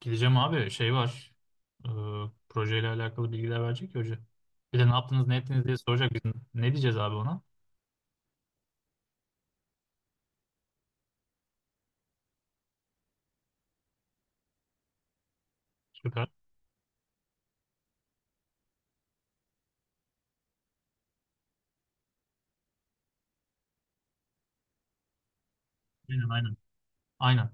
Gideceğim abi şey var. Ee, projeyle alakalı bilgiler verecek ya hoca. Bir de ne yaptınız ne ettiniz diye soracak. Biz ne diyeceğiz abi ona? Süper. Aynen aynen. Aynen.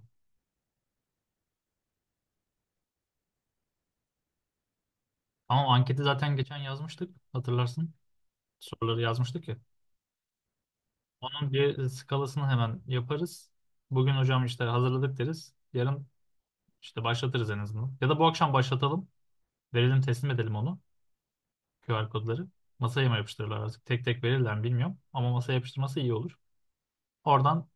Ama o anketi zaten geçen yazmıştık. Hatırlarsın. Soruları yazmıştık ya. Onun bir skalasını hemen yaparız. Bugün hocam işte hazırladık deriz. Yarın işte başlatırız en azından. Ya da bu akşam başlatalım. Verelim teslim edelim onu. QR kodları. Masaya mı yapıştırırlar artık? Tek tek verirler mi bilmiyorum. Ama masaya yapıştırması iyi olur. Oradan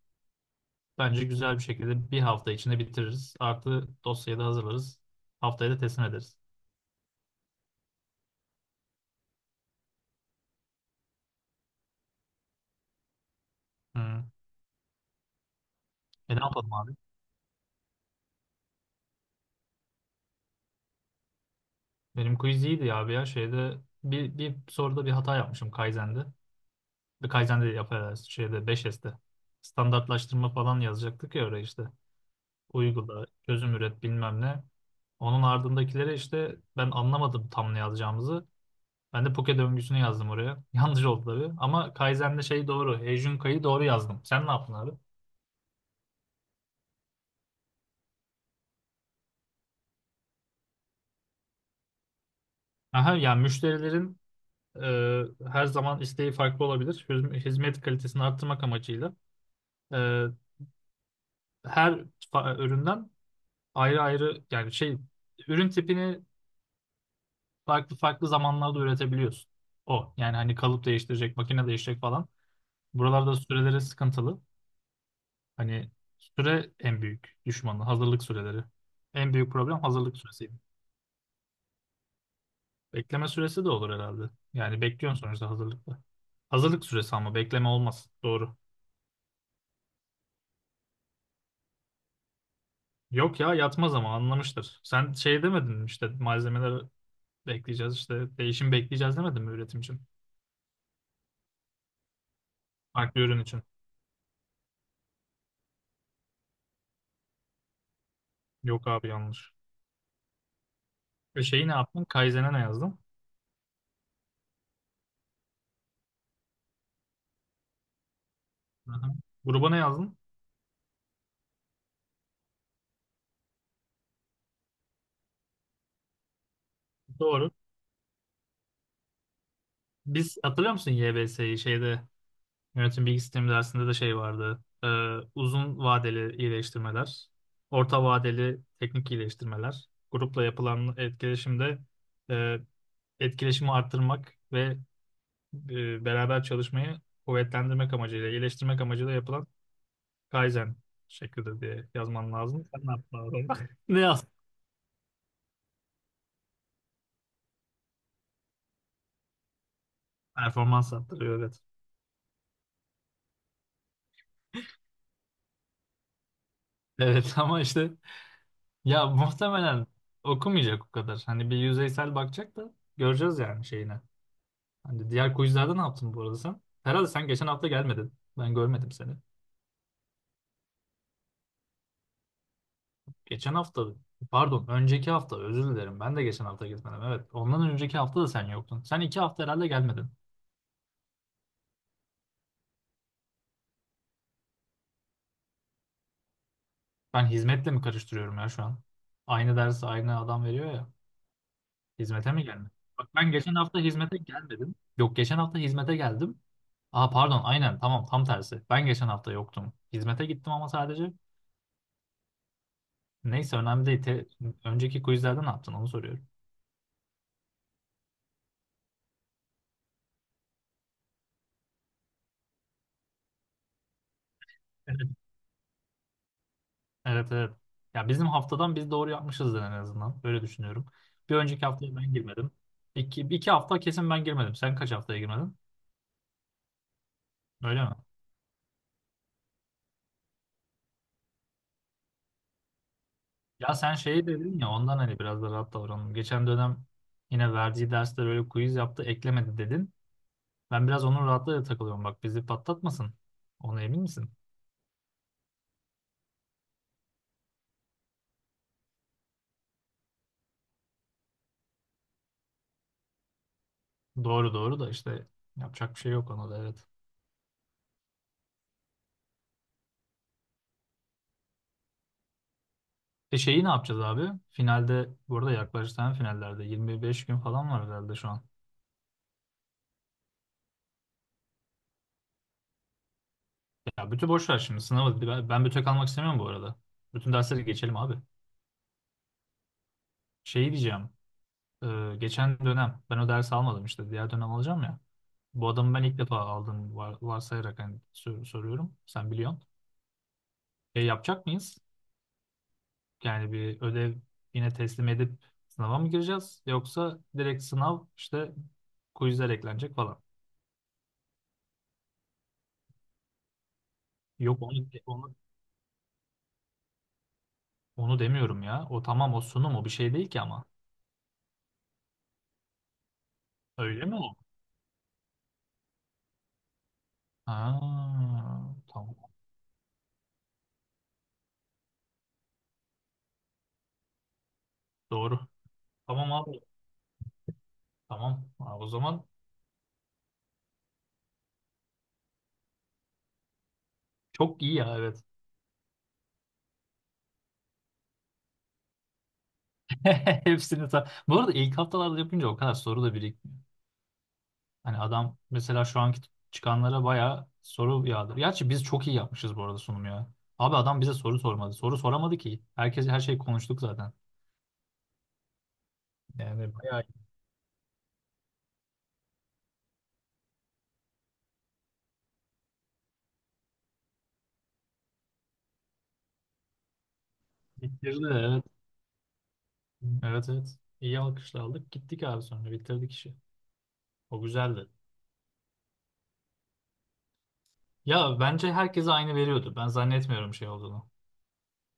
Bence güzel bir şekilde bir hafta içinde bitiririz. Artı dosyayı da hazırlarız. Haftaya da teslim ederiz. Hı. E ne yapalım abi? Benim quiz iyiydi ya abi ya. Şeyde bir soruda bir hata yapmışım Kaizen'de. Bir Kaizen'de yaparız. Şeyde 5S'te. Standartlaştırma falan yazacaktık ya oraya işte. Uygula, çözüm üret bilmem ne. Onun ardındakilere işte ben anlamadım tam ne yazacağımızı. Ben de Poke döngüsünü yazdım oraya. Yanlış oldu tabii. Ama Kaizen'de şey doğru. Heijun Kai'yi doğru yazdım. Sen ne yaptın abi? Aha, yani müşterilerin e, her zaman isteği farklı olabilir. Hizmet kalitesini arttırmak amacıyla e, her üründen ayrı ayrı yani şey ürün tipini farklı farklı zamanlarda üretebiliyorsun. O yani hani kalıp değiştirecek, makine değiştirecek falan. Buralarda süreleri sıkıntılı. Hani süre en büyük düşmanı, hazırlık süreleri. En büyük problem hazırlık süresiydi. Bekleme süresi de olur herhalde. Yani bekliyorsun sonuçta hazırlıkta. Hazırlık süresi ama bekleme olmaz. Doğru. Yok ya yatmaz ama anlamıştır. Sen şey demedin mi işte malzemeler bekleyeceğiz işte değişim bekleyeceğiz demedin mi üretim için? Farklı ürün için. Yok abi yanlış. Ve şeyi ne yaptın? Kaizen'e ne yazdın? Hı-hı. Gruba ne yazdın? Doğru. Biz hatırlıyor musun YBS'yi şeyde yönetim bilgi sistemi dersinde de şey vardı. Uzun vadeli iyileştirmeler, orta vadeli teknik iyileştirmeler, grupla yapılan etkileşimde e, etkileşimi arttırmak ve beraber çalışmayı kuvvetlendirmek amacıyla, iyileştirmek amacıyla yapılan Kaizen şeklidir diye yazman lazım. Sen ne yaptın orada? Ne yazdın? Performans arttırıyor evet. Evet ama işte ya muhtemelen okumayacak o kadar. Hani bir yüzeysel bakacak da göreceğiz yani şeyine. Hani diğer quizlerde ne yaptın bu arada sen? Herhalde sen geçen hafta gelmedin. Ben görmedim seni. Geçen hafta Pardon, önceki hafta özür dilerim. Ben de geçen hafta gitmedim. Evet. Ondan önceki hafta da sen yoktun. Sen iki hafta herhalde gelmedin. Ben hizmetle mi karıştırıyorum ya şu an? Aynı dersi aynı adam veriyor ya. Hizmete mi gelmedi? Bak ben geçen hafta hizmete gelmedim. Yok geçen hafta hizmete geldim. Aa pardon aynen tamam tam tersi. Ben geçen hafta yoktum. Hizmete gittim ama sadece. Neyse önemli değil. Önceki quizlerde ne yaptın onu soruyorum. Evet. Evet evet. Ya bizim haftadan biz doğru yapmışızdır en azından. Öyle düşünüyorum. Bir önceki haftaya ben girmedim. İki hafta kesin ben girmedim. Sen kaç haftaya girmedin? Öyle mi? Ya sen şeyi dedin ya ondan hani biraz da rahat davranalım. Geçen dönem yine verdiği dersler böyle quiz yaptı eklemedi dedin. Ben biraz onun rahatlığıyla takılıyorum. Bak bizi patlatmasın. Ona emin misin? Doğru doğru da işte yapacak bir şey yok ona da evet. E şeyi ne yapacağız abi? Finalde bu arada yaklaşık tane finallerde 25 gün falan var herhalde şu an. Ya bütün boş ver şimdi sınavı. Ben bütün kalmak istemiyorum bu arada. Bütün dersleri geçelim abi. Şeyi diyeceğim. Geçen dönem ben o dersi almadım işte diğer dönem alacağım ya. Bu adamı ben ilk defa aldım varsayarak hani soruyorum. Sen biliyorsun. E, yapacak mıyız? Yani bir ödev yine teslim edip sınava mı gireceğiz? Yoksa direkt sınav işte quizler eklenecek falan. Yok onu demiyorum ya. O tamam o sunum o bir şey değil ki ama. Öyle mi o? Ha, tamam. Doğru. Tamam abi. Tamam. Aa, o zaman çok iyi ya evet. Bu arada ilk haftalarda yapınca o kadar soru da hani adam mesela şu anki çıkanlara bayağı soru yağdır. Gerçi biz çok iyi yapmışız bu arada sunum ya. Abi adam bize soru sormadı. Soru soramadı ki. Herkes her şeyi konuştuk zaten. Yani bayağı bitirdi evet. Evet evet. İyi alkışlar aldık. Gittik abi sonra bitirdik işi. O güzeldi. Ya bence herkese aynı veriyordu. Ben zannetmiyorum şey olduğunu.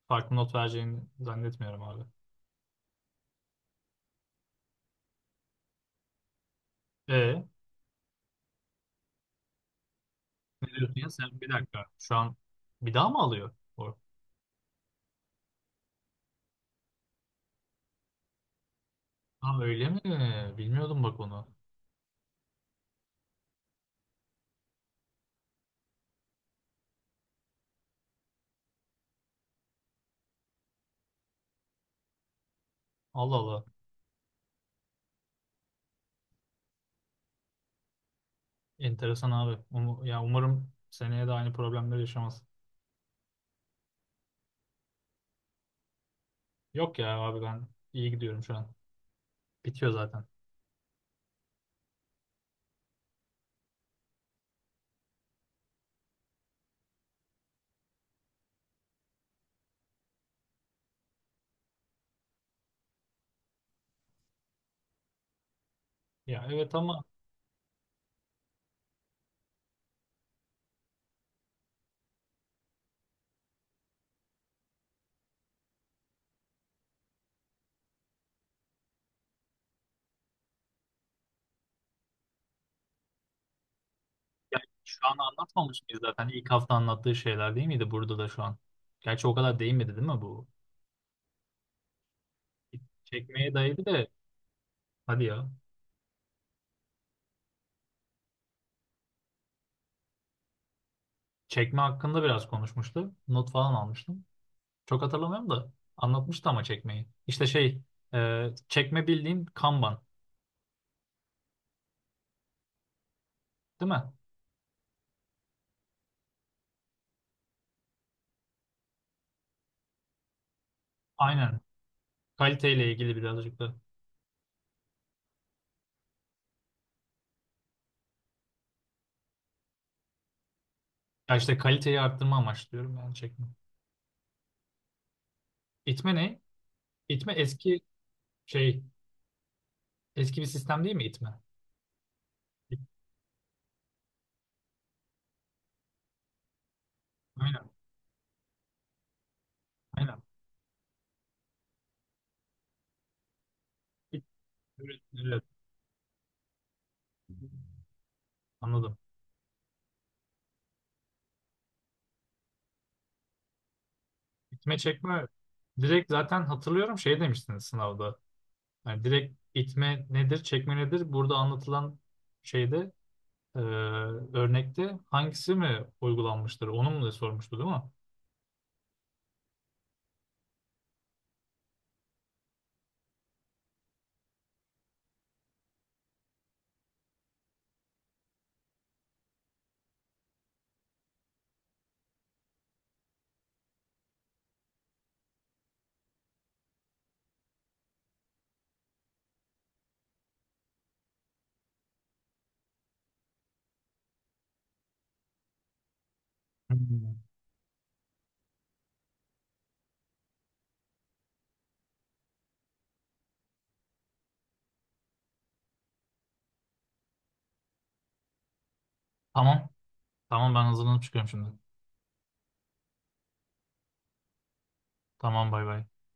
Farklı not vereceğini zannetmiyorum abi. E ne diyorsun ya sen bir dakika. Şu an bir daha mı alıyor? O. Ha öyle mi? Bilmiyordum bak onu. Allah Allah. Enteresan abi. Ya umarım seneye de aynı problemleri yaşamaz. Yok ya abi ben iyi gidiyorum şu an. Bitiyor zaten. Ya evet ama yani şu an anlatmamış mıyız zaten? İlk hafta anlattığı şeyler değil miydi burada da şu an? Gerçi o kadar değinmedi değil mi bu? Çekmeye değdi de hadi ya. Çekme hakkında biraz konuşmuştu. Not falan almıştım. Çok hatırlamıyorum da anlatmıştı ama çekmeyi. İşte şey çekme bildiğin Kanban değil mi? Aynen. Kaliteyle ilgili birazcık da. Ya işte kaliteyi arttırma amaçlıyorum yani çekme. İtme ne? İtme eski şey, eski bir sistem değil mi itme? İt- Aynen, aynen. İt- Evet, evet. Anladım. İtme çekme direkt zaten hatırlıyorum şey demiştiniz sınavda. Yani direkt itme nedir, çekme nedir? Burada anlatılan şeyde e, örnekte hangisi mi uygulanmıştır? Onu mu da sormuştu değil mi? Hmm. Tamam. Tamam ben hazırlanıp çıkıyorum şimdi. Tamam bay bay.